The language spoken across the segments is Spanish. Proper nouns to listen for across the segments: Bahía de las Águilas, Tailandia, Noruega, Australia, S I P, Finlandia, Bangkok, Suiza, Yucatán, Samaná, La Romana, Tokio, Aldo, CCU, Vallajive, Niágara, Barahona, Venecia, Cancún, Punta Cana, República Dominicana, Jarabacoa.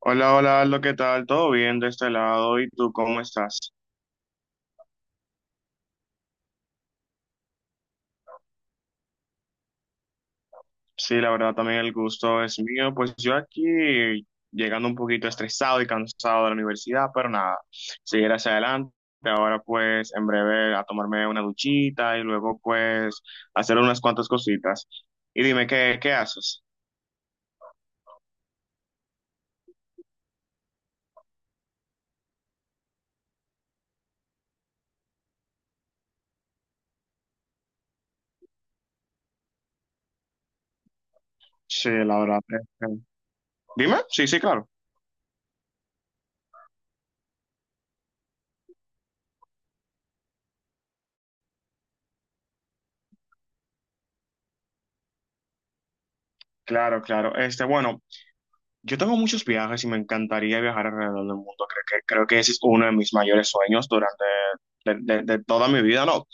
Hola, hola, Aldo, ¿qué tal? ¿Todo bien de este lado? ¿Y tú cómo estás? Sí, la verdad también el gusto es mío. Pues yo aquí llegando un poquito estresado y cansado de la universidad, pero nada, seguir hacia adelante. Ahora pues en breve a tomarme una duchita y luego pues hacer unas cuantas cositas. Y dime, ¿qué haces? Sí, la verdad. Dime, sí, sí, claro. Claro, claro. Bueno, yo tengo muchos viajes y me encantaría viajar alrededor del mundo. Creo que ese es uno de mis mayores sueños durante de toda mi vida, ¿no?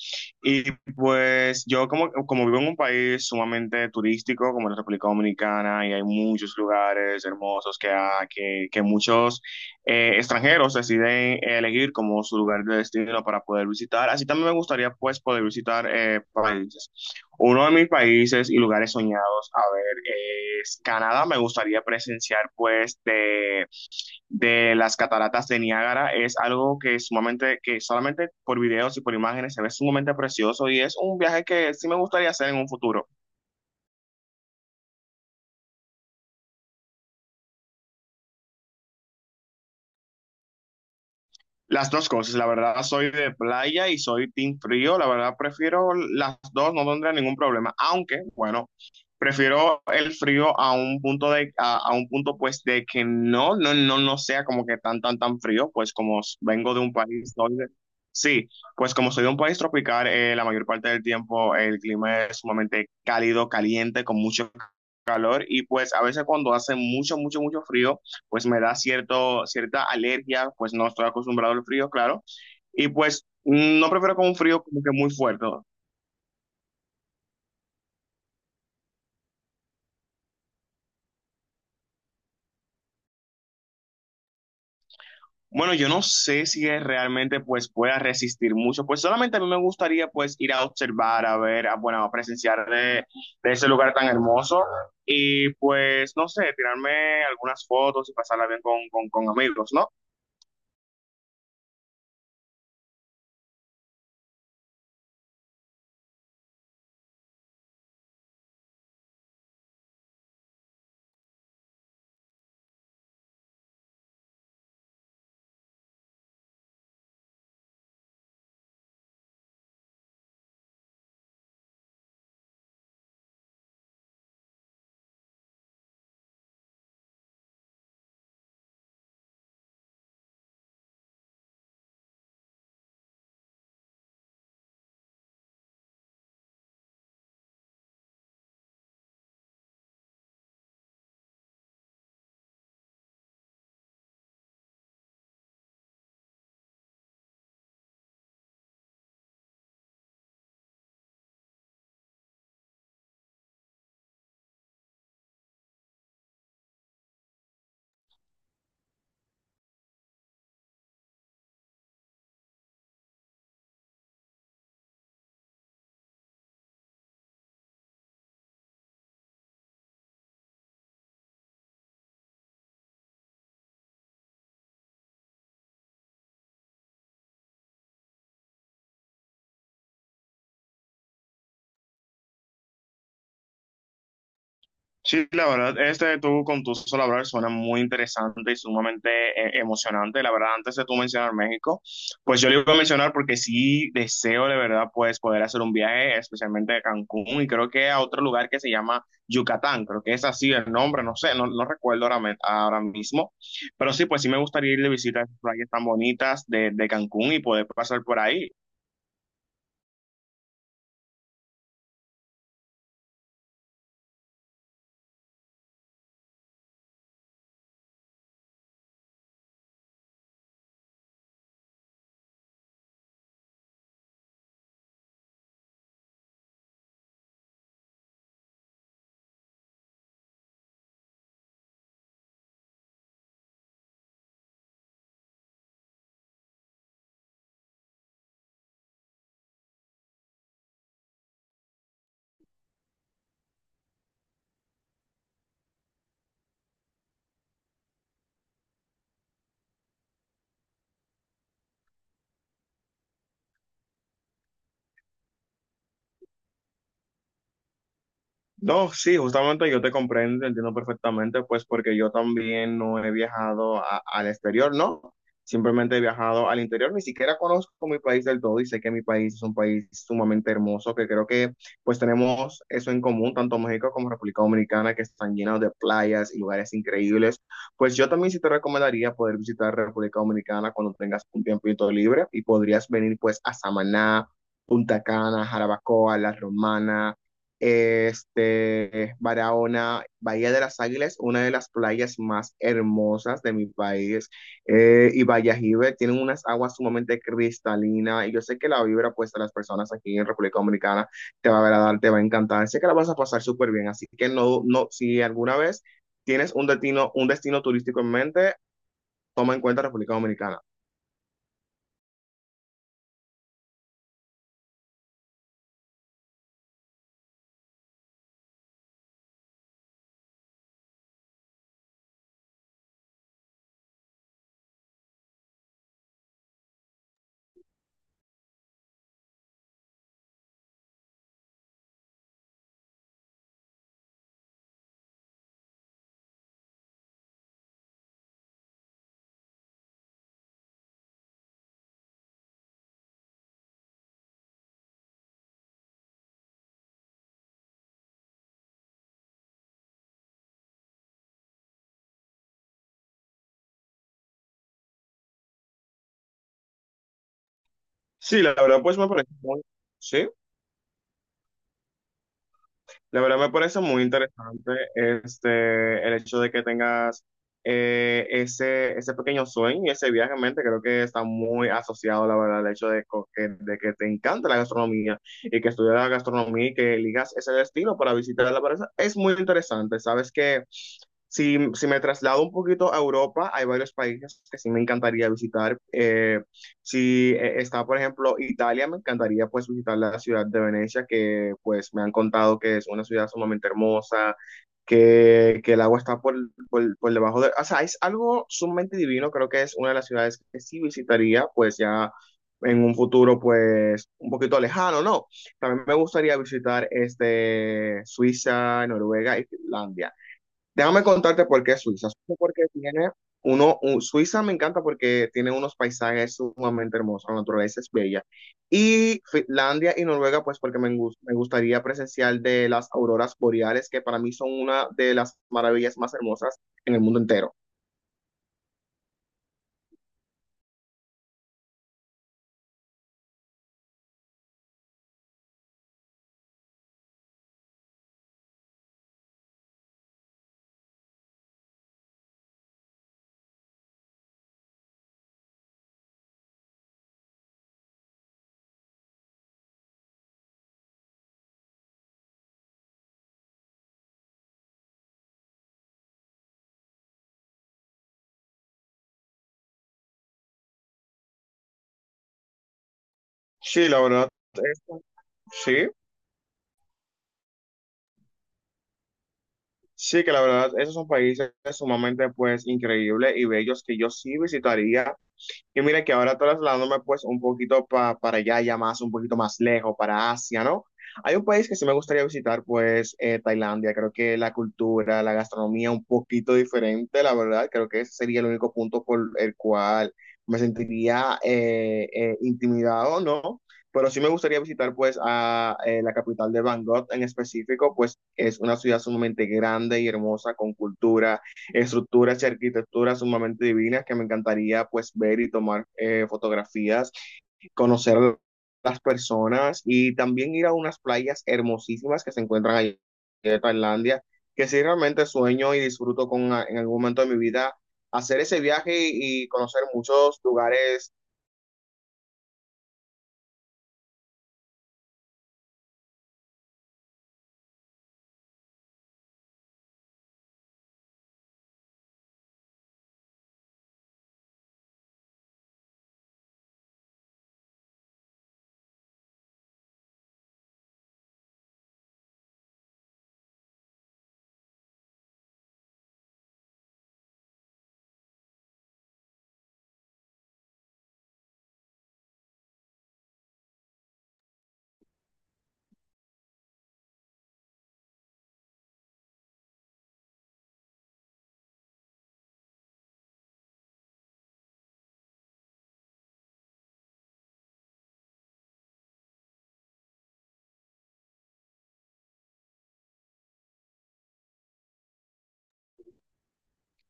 Y pues yo como vivo en un país sumamente turístico como la República Dominicana, y hay muchos lugares hermosos que muchos extranjeros deciden elegir como su lugar de destino para poder visitar. Así también me gustaría pues poder visitar países. Uno de mis países y lugares soñados, a ver, es Canadá. Me gustaría presenciar, pues, de las cataratas de Niágara. Es algo que es sumamente, que solamente por videos y por imágenes se ve sumamente precioso, y es un viaje que sí me gustaría hacer en un futuro. Las dos cosas, la verdad soy de playa y soy team frío, la verdad prefiero las dos, no tendré ningún problema, aunque bueno, prefiero el frío a un punto de a un punto pues de que no sea como que tan frío, pues como vengo de un país donde sí, pues como soy de un país tropical, la mayor parte del tiempo el clima es sumamente cálido, caliente, con mucho calor. Y pues a veces cuando hace mucho frío, pues me da cierta alergia, pues no estoy acostumbrado al frío, claro, y pues no prefiero con un frío como que muy fuerte. Bueno, yo no sé si es realmente pues pueda resistir mucho, pues solamente a mí me gustaría pues ir a observar, a ver, a, bueno, a presenciar de ese lugar tan hermoso, y pues no sé, tirarme algunas fotos y pasarla bien con, con amigos, ¿no? Sí, la verdad, este de tú con tu solo hablar suena muy interesante y sumamente emocionante. La verdad, antes de tú mencionar México, pues yo le iba a mencionar porque sí deseo de verdad pues poder hacer un viaje, especialmente a Cancún, y creo que a otro lugar que se llama Yucatán. Creo que es así el nombre, no sé, no, no recuerdo ahora, ahora mismo. Pero sí, pues sí me gustaría ir de visita a esas playas tan bonitas de Cancún y poder pasar por ahí. No, sí, justamente yo te comprendo, entiendo perfectamente, pues porque yo también no he viajado al exterior, ¿no? Simplemente he viajado al interior, ni siquiera conozco mi país del todo, y sé que mi país es un país sumamente hermoso, que creo que pues tenemos eso en común, tanto México como República Dominicana, que están llenos de playas y lugares increíbles. Pues yo también sí te recomendaría poder visitar República Dominicana cuando tengas un tiempito libre, y podrías venir pues a Samaná, Punta Cana, Jarabacoa, La Romana. Barahona, Bahía de las Águilas, una de las playas más hermosas de mi país, y Vallajive, tienen unas aguas sumamente cristalinas, y yo sé que la vibra puesta a las personas aquí en República Dominicana te va a agradar, te va a encantar, sé que la vas a pasar súper bien, así que no, no, si alguna vez tienes un destino turístico en mente, toma en cuenta República Dominicana. Sí, la verdad, pues me parece muy, sí. La verdad me parece muy interesante el hecho de que tengas ese, ese pequeño sueño y ese viaje en mente. Creo que está muy asociado, la verdad, el hecho de, de que te encanta la gastronomía y que estudias la gastronomía y que elijas ese destino para visitar la pareja. Es muy interesante. Sabes que si, si me traslado un poquito a Europa, hay varios países que sí me encantaría visitar. Si está, por ejemplo, Italia, me encantaría pues visitar la ciudad de Venecia, que pues me han contado que es una ciudad sumamente hermosa, que el agua está por, por debajo de... O sea, es algo sumamente divino, creo que es una de las ciudades que sí visitaría, pues ya en un futuro pues un poquito lejano, ¿no? También me gustaría visitar Suiza, Noruega y Finlandia. Déjame contarte por qué Suiza. Suiza porque tiene Suiza me encanta porque tiene unos paisajes sumamente hermosos, la naturaleza es bella. Y Finlandia y Noruega, pues porque me, me gustaría presenciar de las auroras boreales, que para mí son una de las maravillas más hermosas en el mundo entero. Sí, la verdad, es- sí, sí que la verdad, esos son países sumamente pues increíbles y bellos que yo sí visitaría. Y mira que ahora trasladándome pues un poquito para allá, ya más, un poquito más lejos, para Asia, ¿no? Hay un país que sí me gustaría visitar, pues Tailandia. Creo que la cultura, la gastronomía un poquito diferente, la verdad. Creo que ese sería el único punto por el cual me sentiría intimidado, ¿no? Pero sí me gustaría visitar pues a la capital de Bangkok en específico, pues es una ciudad sumamente grande y hermosa, con cultura, estructuras y arquitecturas sumamente divinas que me encantaría pues ver y tomar fotografías, conocer las personas, y también ir a unas playas hermosísimas que se encuentran allí en Tailandia, que sí realmente sueño y disfruto con en algún momento de mi vida hacer ese viaje y conocer muchos lugares.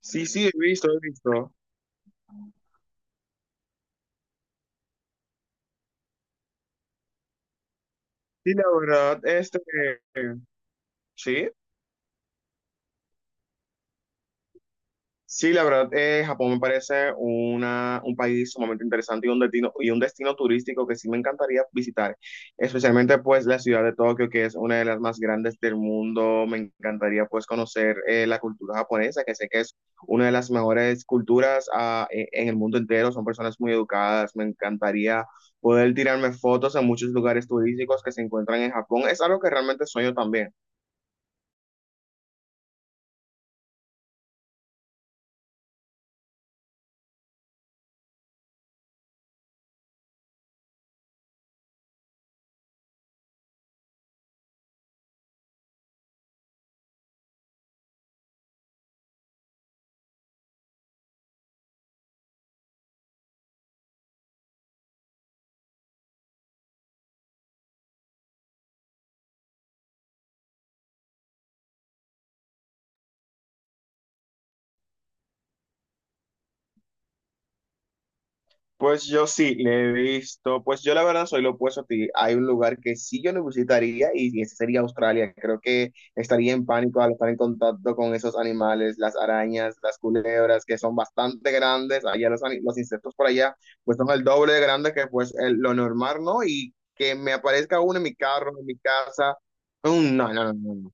Sí, sí, he visto, he visto. Sí, la verdad, sí. Sí, la verdad, Japón me parece un país sumamente interesante y un destino turístico que sí me encantaría visitar, especialmente pues la ciudad de Tokio, que es una de las más grandes del mundo. Me encantaría pues conocer la cultura japonesa, que sé que es una de las mejores culturas en el mundo entero. Son personas muy educadas. Me encantaría poder tirarme fotos en muchos lugares turísticos que se encuentran en Japón. Es algo que realmente sueño también. Pues yo sí, le he visto, pues yo la verdad soy lo opuesto a ti. Hay un lugar que sí yo lo visitaría y ese sería Australia. Creo que estaría en pánico al estar en contacto con esos animales, las arañas, las culebras, que son bastante grandes. Allá los, los insectos por allá, pues son el doble de grandes que pues lo normal, ¿no? Y que me aparezca uno en mi carro, en mi casa. No, no, no, no.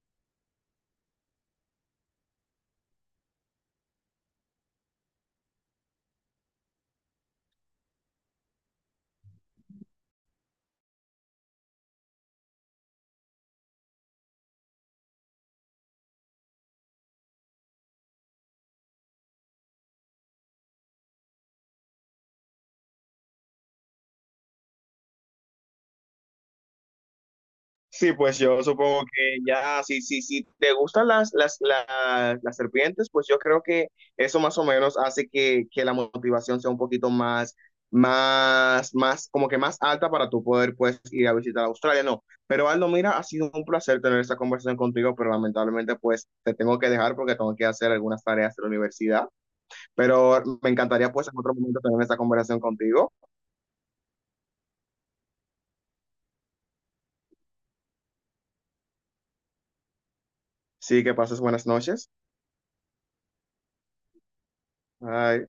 Sí, pues yo supongo que ya, si, si te gustan las serpientes, pues yo creo que eso más o menos hace que la motivación sea un poquito más, más, como que más alta para tú poder pues ir a visitar Australia, no. Pero Aldo, mira, ha sido un placer tener esta conversación contigo, pero lamentablemente pues te tengo que dejar porque tengo que hacer algunas tareas de la universidad, pero me encantaría pues en otro momento tener esta conversación contigo. Sí, que pases buenas noches. Bye.